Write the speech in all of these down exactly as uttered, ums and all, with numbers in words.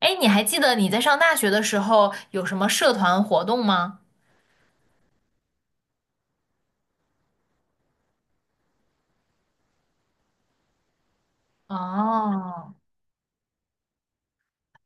哎，你还记得你在上大学的时候有什么社团活动吗？哦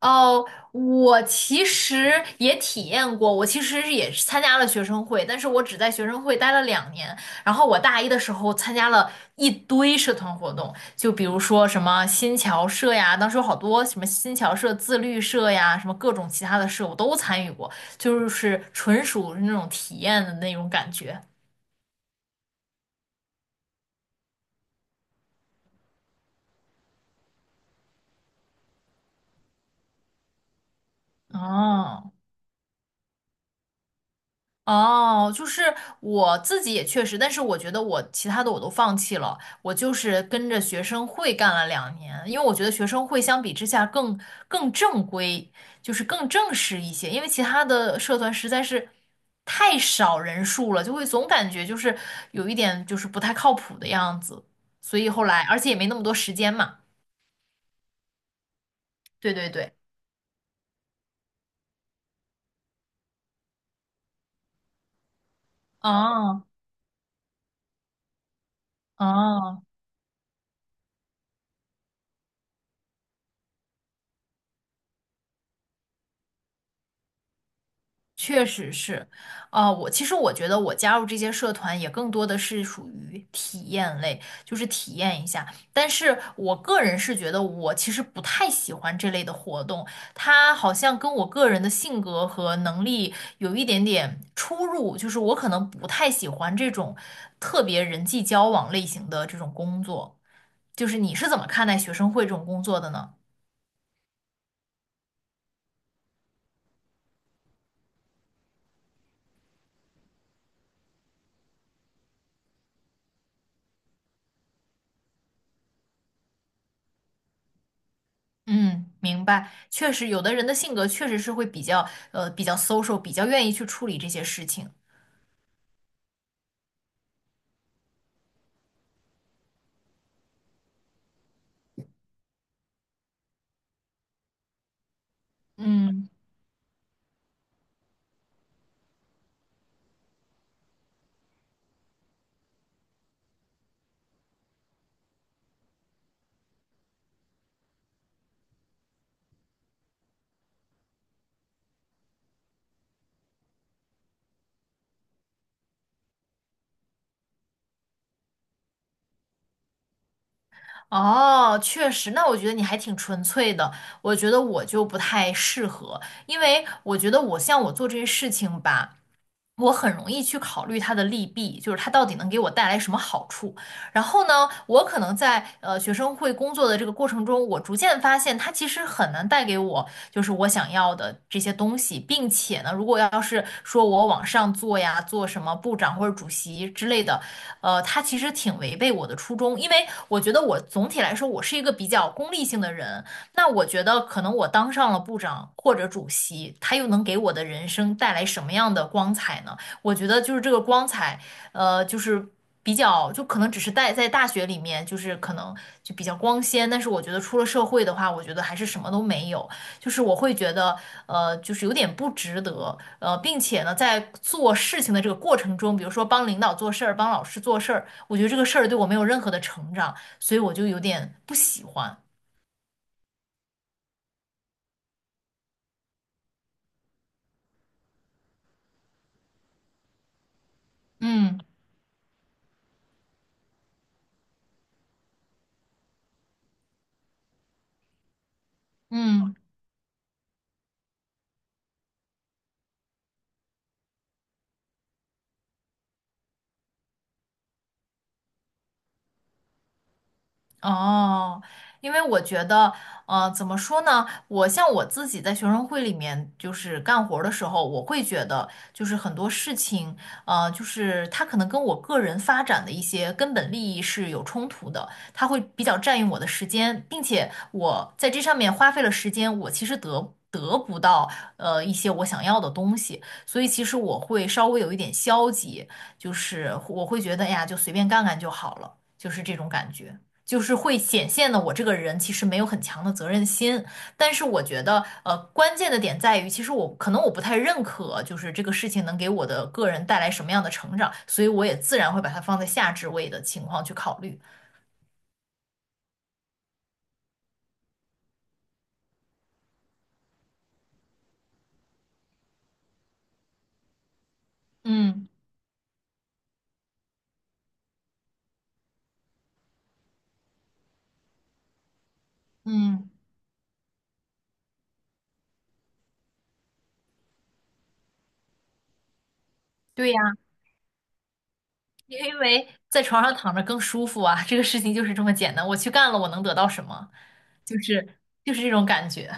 哦，我其实也体验过，我其实是也是参加了学生会，但是我只在学生会待了两年。然后我大一的时候参加了一堆社团活动，就比如说什么新侨社呀，当时有好多什么新侨社、自律社呀，什么各种其他的社我都参与过，就是纯属那种体验的那种感觉。哦。哦，就是我自己也确实，但是我觉得我其他的我都放弃了，我就是跟着学生会干了两年，因为我觉得学生会相比之下更更正规，就是更正式一些，因为其他的社团实在是太少人数了，就会总感觉就是有一点就是不太靠谱的样子，所以后来而且也没那么多时间嘛。对对对。哦哦。确实是。啊，我其实我觉得我加入这些社团也更多的是属于体验类，就是体验一下。但是我个人是觉得我其实不太喜欢这类的活动，它好像跟我个人的性格和能力有一点点出入，就是我可能不太喜欢这种特别人际交往类型的这种工作。就是你是怎么看待学生会这种工作的呢？嗯，明白。确实，有的人的性格确实是会比较呃比较 social，比较愿意去处理这些事情。嗯。哦，确实，那我觉得你还挺纯粹的。我觉得我就不太适合，因为我觉得我像我做这些事情吧，我很容易去考虑它的利弊，就是它到底能给我带来什么好处。然后呢，我可能在呃学生会工作的这个过程中，我逐渐发现它其实很难带给我就是我想要的这些东西，并且呢，如果要是说我往上做呀，做什么部长或者主席之类的，呃，它其实挺违背我的初衷，因为我觉得我总体来说我是一个比较功利性的人，那我觉得，可能我当上了部长或者主席，他又能给我的人生带来什么样的光彩呢？我觉得就是这个光彩，呃，就是比较，就可能只是在在大学里面，就是可能就比较光鲜，但是我觉得出了社会的话，我觉得还是什么都没有，就是我会觉得，呃，就是有点不值得，呃，并且呢，在做事情的这个过程中，比如说帮领导做事儿，帮老师做事儿，我觉得这个事儿对我没有任何的成长，所以我就有点不喜欢。嗯。嗯。哦，因为我觉得，呃，怎么说呢？我像我自己在学生会里面就是干活儿的时候，我会觉得就是很多事情，呃，就是它可能跟我个人发展的一些根本利益是有冲突的，它会比较占用我的时间，并且我在这上面花费了时间，我其实得。得不到呃一些我想要的东西，所以其实我会稍微有一点消极，就是我会觉得哎呀，就随便干干就好了，就是这种感觉。就是会显现的我这个人其实没有很强的责任心，但是我觉得，呃，关键的点在于，其实我可能我不太认可，就是这个事情能给我的个人带来什么样的成长，所以我也自然会把它放在下置位的情况去考虑。嗯嗯。对呀，因为在床上躺着更舒服啊，这个事情就是这么简单，我去干了，我能得到什么？就是就是这种感觉。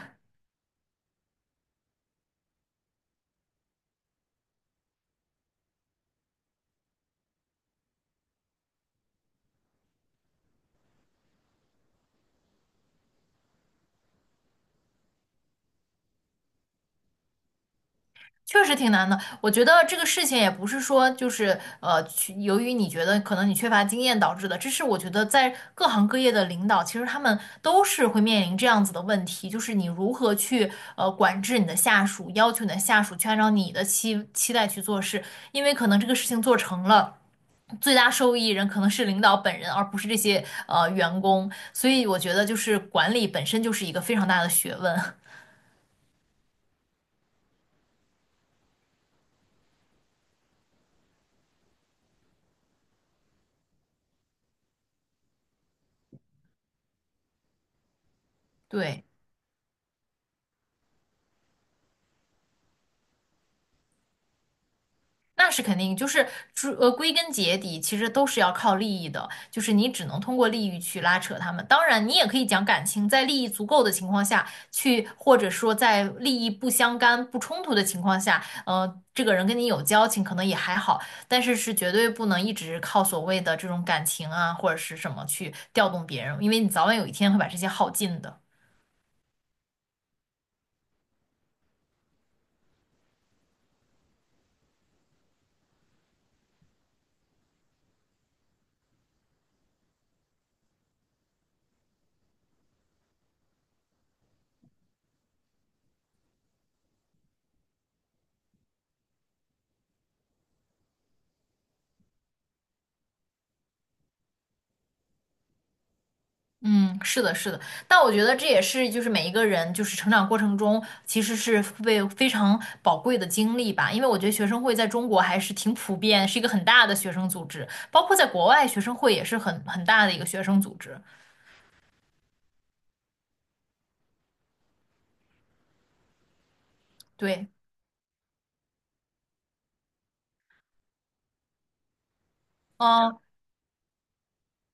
确实挺难的，我觉得这个事情也不是说就是呃，去由于你觉得可能你缺乏经验导致的，这是我觉得在各行各业的领导，其实他们都是会面临这样子的问题，就是你如何去呃管制你的下属，要求你的下属去按照你的期期待去做事，因为可能这个事情做成了。最大受益人可能是领导本人，而不是这些呃员工，所以我觉得就是管理本身就是一个非常大的学问。对。那是肯定，就是诸呃，归根结底，其实都是要靠利益的，就是你只能通过利益去拉扯他们。当然，你也可以讲感情，在利益足够的情况下去，或者说在利益不相干、不冲突的情况下，呃，这个人跟你有交情，可能也还好，但是是绝对不能一直靠所谓的这种感情啊，或者是什么去调动别人，因为你早晚有一天会把这些耗尽的。嗯，是的，是的。但我觉得这也是就是每一个人就是成长过程中其实是被非常宝贵的经历吧，因为我觉得学生会在中国还是挺普遍，是一个很大的学生组织，包括在国外学生会也是很很大的一个学生组织。对。嗯。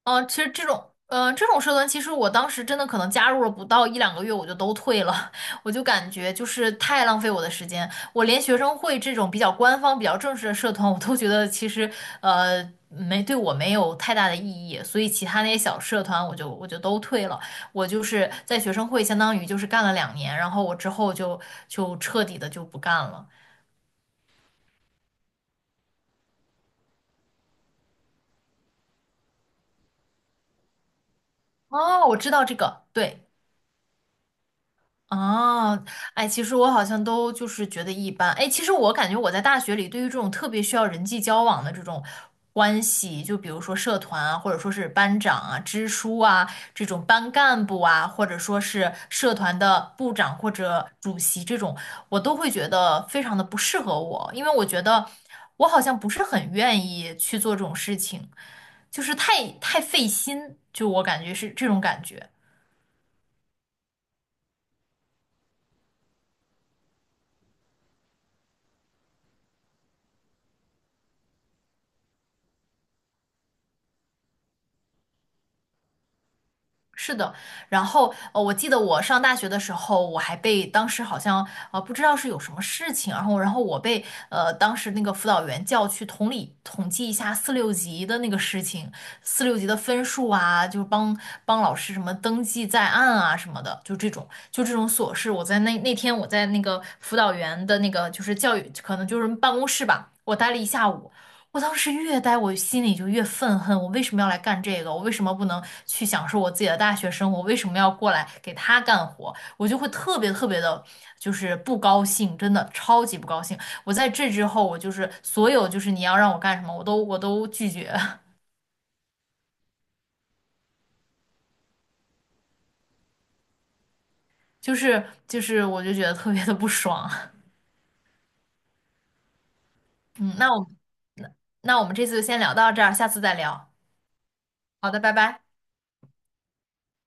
嗯，其实这种，嗯，这种社团，其实我当时真的可能加入了不到一两个月，我就都退了，我就感觉就是太浪费我的时间，我连学生会这种比较官方、比较正式的社团，我都觉得其实，呃，没对我没有太大的意义，所以其他那些小社团，我就我就都退了。我就是在学生会，相当于就是干了两年，然后我之后就就彻底的就不干了。哦，我知道这个，对。哦，哎，其实我好像都就是觉得一般。哎，其实我感觉我在大学里，对于这种特别需要人际交往的这种关系，就比如说社团啊，或者说是班长啊、支书啊，这种班干部啊，或者说是社团的部长或者主席这种，我都会觉得非常的不适合我，因为我觉得我好像不是很愿意去做这种事情，就是太太费心，就我感觉是这种感觉。是的。然后呃，我记得我上大学的时候，我还被当时好像呃不知道是有什么事情，然后然后我被呃当时那个辅导员叫去统理统计一下四六级的那个事情，四六级的分数啊，就是帮帮老师什么登记在案啊什么的，就这种就这种琐事，我在那那天我在那个辅导员的那个就是教育可能就是办公室吧，我待了一下午。我当时越待我心里就越愤恨，我为什么要来干这个？我为什么不能去享受我自己的大学生活？我为什么要过来给他干活？我就会特别特别的，就是不高兴，真的超级不高兴。我在这之后，我就是所有就是你要让我干什么，我都我都拒绝。就是就是我就觉得特别的不爽。嗯，那我们那我们这次就先聊到这儿，下次再聊。好的，拜拜。